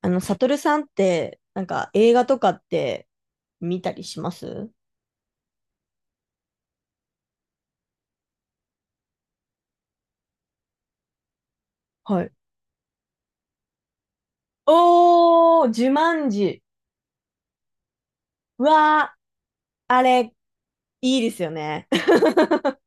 サトルさんって、なんか映画とかって見たりします？はい。おー、ジュマンジ。うわー、あれ、いいですよね。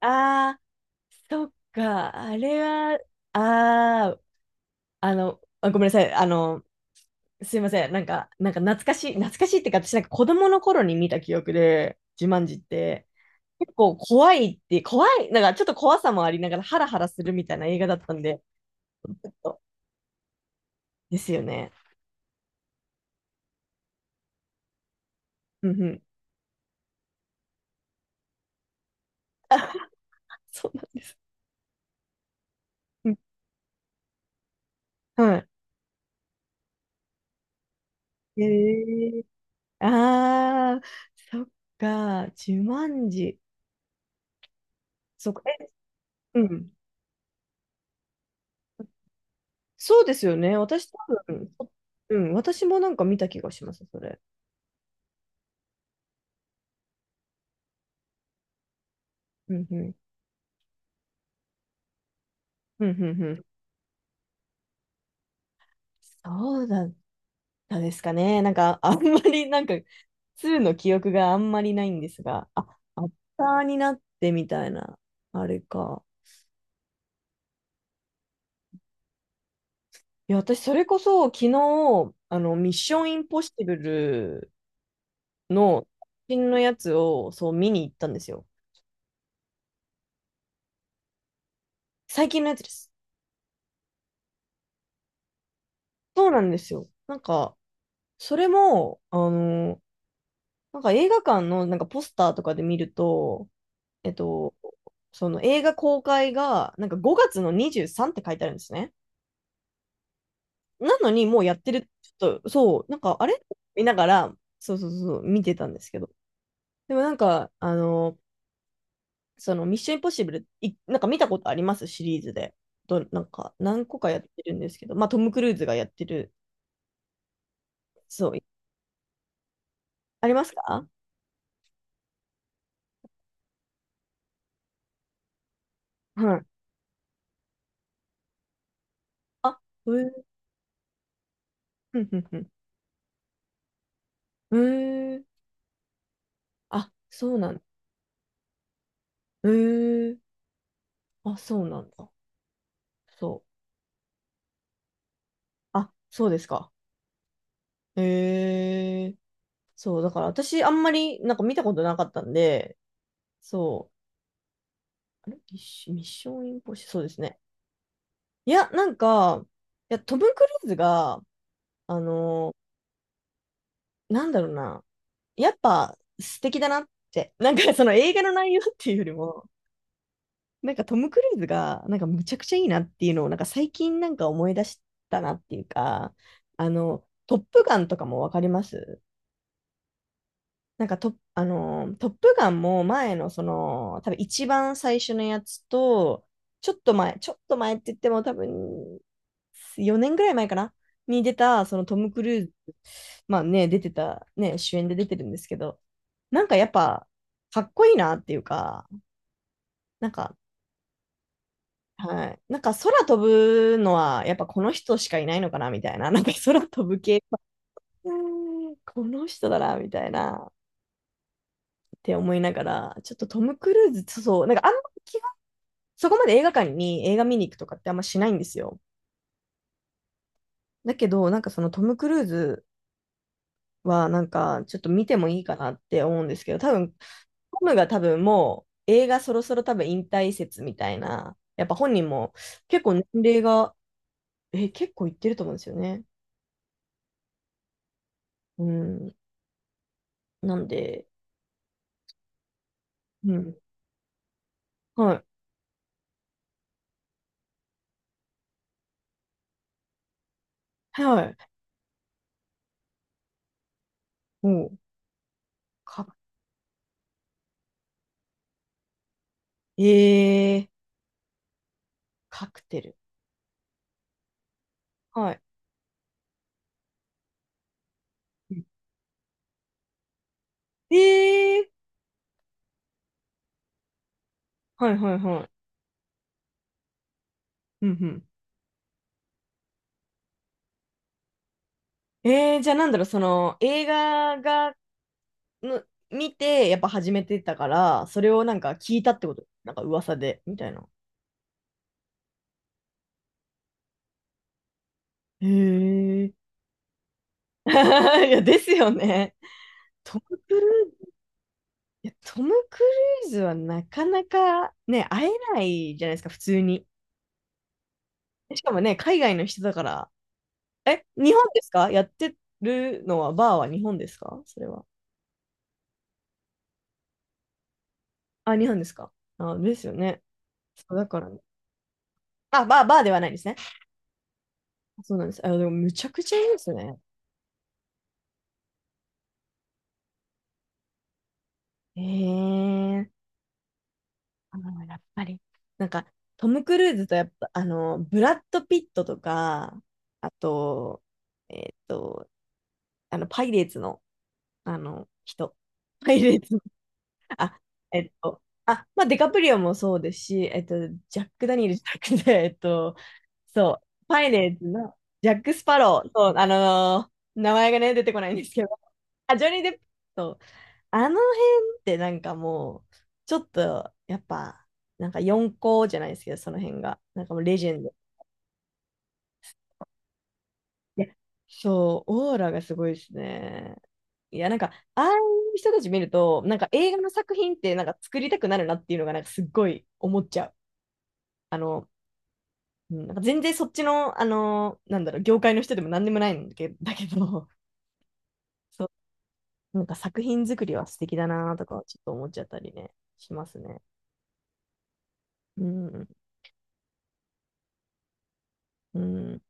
あそっか、あれは、あー、あ、ごめんなさい、すいません、なんか懐かしい、懐かしいってか、私なんか子供の頃に見た記憶で、ジュマンジって、結構怖いって、怖い、なんかちょっと怖さもありながらハラハラするみたいな映画だったんで、ちょっとですよね。うんうん。あ、そうなんです。うん。はい。ええ、ああー、そっか、自慢時。そっか、え、うん。そうですよね。私多分、そうん、私もなんか見た気がします、それ。うん、うん。うん、うん、うん。そうだったですかね。なんか、あんまり、なんか、2の記憶があんまりないんですが、あ、アッターになってみたいな、あれか。いや、私、それこそ、昨日、ミッションインポッシブルの、最近のやつを、そう、見に行ったんですよ。最近のやつです。そうなんですよ。なんか、それも、なんか映画館の、なんかポスターとかで見ると、えっと、その映画公開が、なんか5月の23って書いてあるんですね。なのに、もうやってる、ちょっと、そう、なんか、あれ見ながら、そうそうそう、見てたんですけど。でもなんか、そのミッションインポッシブル、いなんか見たことありますシリーズで。なんか何個かやってるんですけど、まあトム・クルーズがやってる、そう、ありますか？はい。あ、へー、ふんふんふん。へー。あ、そうなんだ。へー。あ、そうなんだ。そう。あ、そうですか。へー。そう、だから私あんまりなんか見たことなかったんで、そう。あれミッションインポッシブル、そうですね。いや、なんか、いや、トム・クルーズが、あのなんだろうな。やっぱ素敵だなって。なんかその映画の内容っていうよりも、なんかトム・クルーズがなんかむちゃくちゃいいなっていうのをなんか最近なんか思い出したなっていうか、トップガンとかもわかります？なんかト、あのー、トップガンも前のその、多分一番最初のやつと、ちょっと前、ちょっと前って言っても多分4年ぐらい前かなに出た、そのトム・クルーズ、まあね、出てた、ね、主演で出てるんですけど、なんかやっぱ、かっこいいなっていうか、なんか、はい。なんか空飛ぶのは、やっぱこの人しかいないのかなみたいな、なんか空飛ぶ系、うんこの人だなみたいな。って思いながら、ちょっとトム・クルーズ、そうそう、なんかあんまそこまで映画館に映画見に行くとかってあんましないんですよ。だけど、なんかそのトム・クルーズは、なんかちょっと見てもいいかなって思うんですけど、多分、トムが多分もう映画そろそろ多分引退説みたいな、やっぱ本人も結構年齢が、え、結構いってると思うんですよね。うん。なんで、うん。はい。はい。もう、か、えー、カクテル。はい。えー、はいはいはい。うんうん。じゃあなんだろう、その映画がの見て、やっぱ始めてたから、それをなんか聞いたってこと、なんか噂で、みたいな。へえ。いや、ですよね。トム・クルーズ、いや、トム・クルーズはなかなかね、会えないじゃないですか、普通に。しかもね、海外の人だから。え、日本ですか？やってるのは、バーは日本ですか？それは。あ、日本ですか？あ、ですよね。そう、だからね。あ、バー、バーではないですね。そうなんです。あ、でも、むちゃくちゃいいですね。ええ、やっぱり。なんか、トム・クルーズとやっぱ、ブラッド・ピットとか、あと、えっと、パイレーツの、人。パイレーツの、あ、まあ、デカプリオもそうですし、ジャック・ダニエルじゃなくて、そう、パイレーツのジャック・スパロー、そう、名前がね、出てこないんですけど、あ、ジョニー・デップ。そう、あの辺ってなんかもう、ちょっと、やっぱ、なんか四校じゃないですけど、その辺が。なんかもうレジェンド。いや、そう、オーラがすごいですね。いや、なんか、ああいう人たち見ると、なんか映画の作品ってなんか作りたくなるなっていうのが、なんかすっごい思っちゃう。あの、うんなんか全然そっちの、なんだろう、業界の人でも何でもないんだけど、そう、なんか作品作りは素敵だなとか、ちょっと思っちゃったりね、しますね。うん、うん。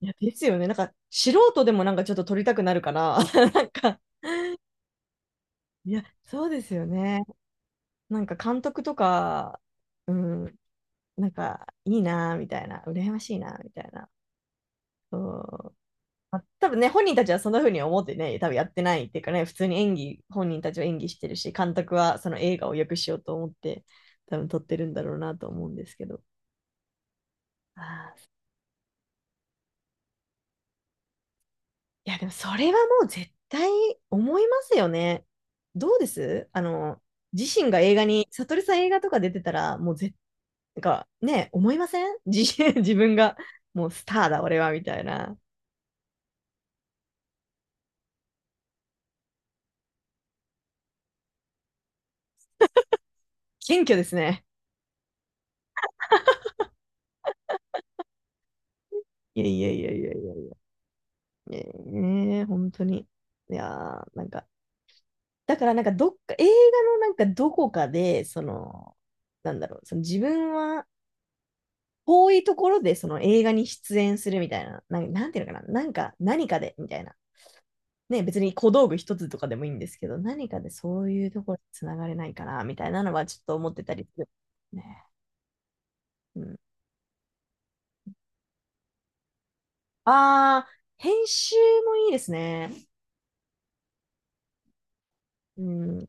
いや、ですよね。なんか、素人でもなんかちょっと撮りたくなるから、なんか、いや、そうですよね。なんか監督とか、うん、なんか、いいなぁ、みたいな、羨ましいなぁ、みたいな。そう、まあ、多分ね、本人たちはそんな風に思ってね、多分やってないっていうかね、普通に演技、本人たちは演技してるし、監督はその映画を良くしようと思って、多分撮ってるんだろうなと思うんですけど。あーいや、でもそれはもう絶対思いますよね。どうです？自身が映画に、悟りさん映画とか出てたら、もうなんか、ね、思いません？ 自身、自分が、もうスターだ、俺は、みたいな。謙虚ですね。いやいやいやいやいやいや、ええ本当に。いやーなんか、だからなんかどっか、映画のなんかどこかで、その、なんだろう、その自分は、遠いところでその映画に出演するみたいな、なんかなんていうのかな、なんか何かでみたいな、ね、別に小道具一つとかでもいいんですけど、何かでそういうところにつながれないかな、みたいなのはちょっと思ってたりする。ね。うん、ああ、編集もいいですね。うん、うん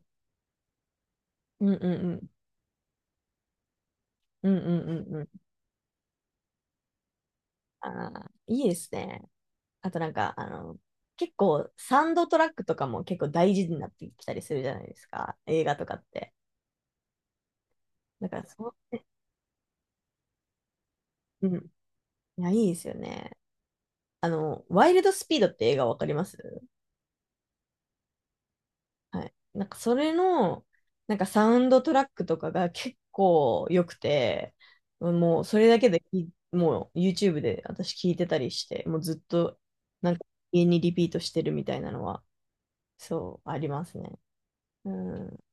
うんうん。うんうんうんうん。ああ、いいですね。あとなんか、結構サウンドトラックとかも結構大事になってきたりするじゃないですか。映画とかって。だからそう、うん。いや、いいですよね。ワイルドスピードって映画わかります？はい。なんかそれの、なんかサウンドトラックとかが結構良くて、もうそれだけもう YouTube で私聞いてたりして、もうずっとなんか家にリピートしてるみたいなのは、そう、ありますね。うん。う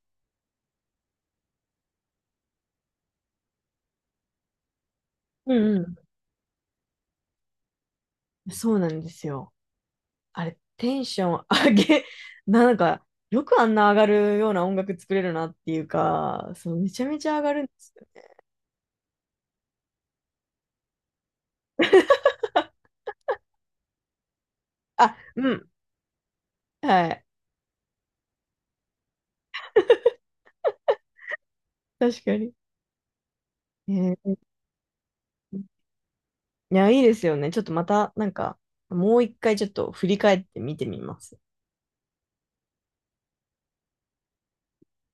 んうん。そうなんですよ。あれ、テンション上げ、なんか、よくあんな上がるような音楽作れるなっていうか、そう、めちゃめちゃ上がるんですよ。あ、うん。はい。確かに。えーいや、いいですよね。ちょっとまた、なんか、もう一回ちょっと振り返って見てみます。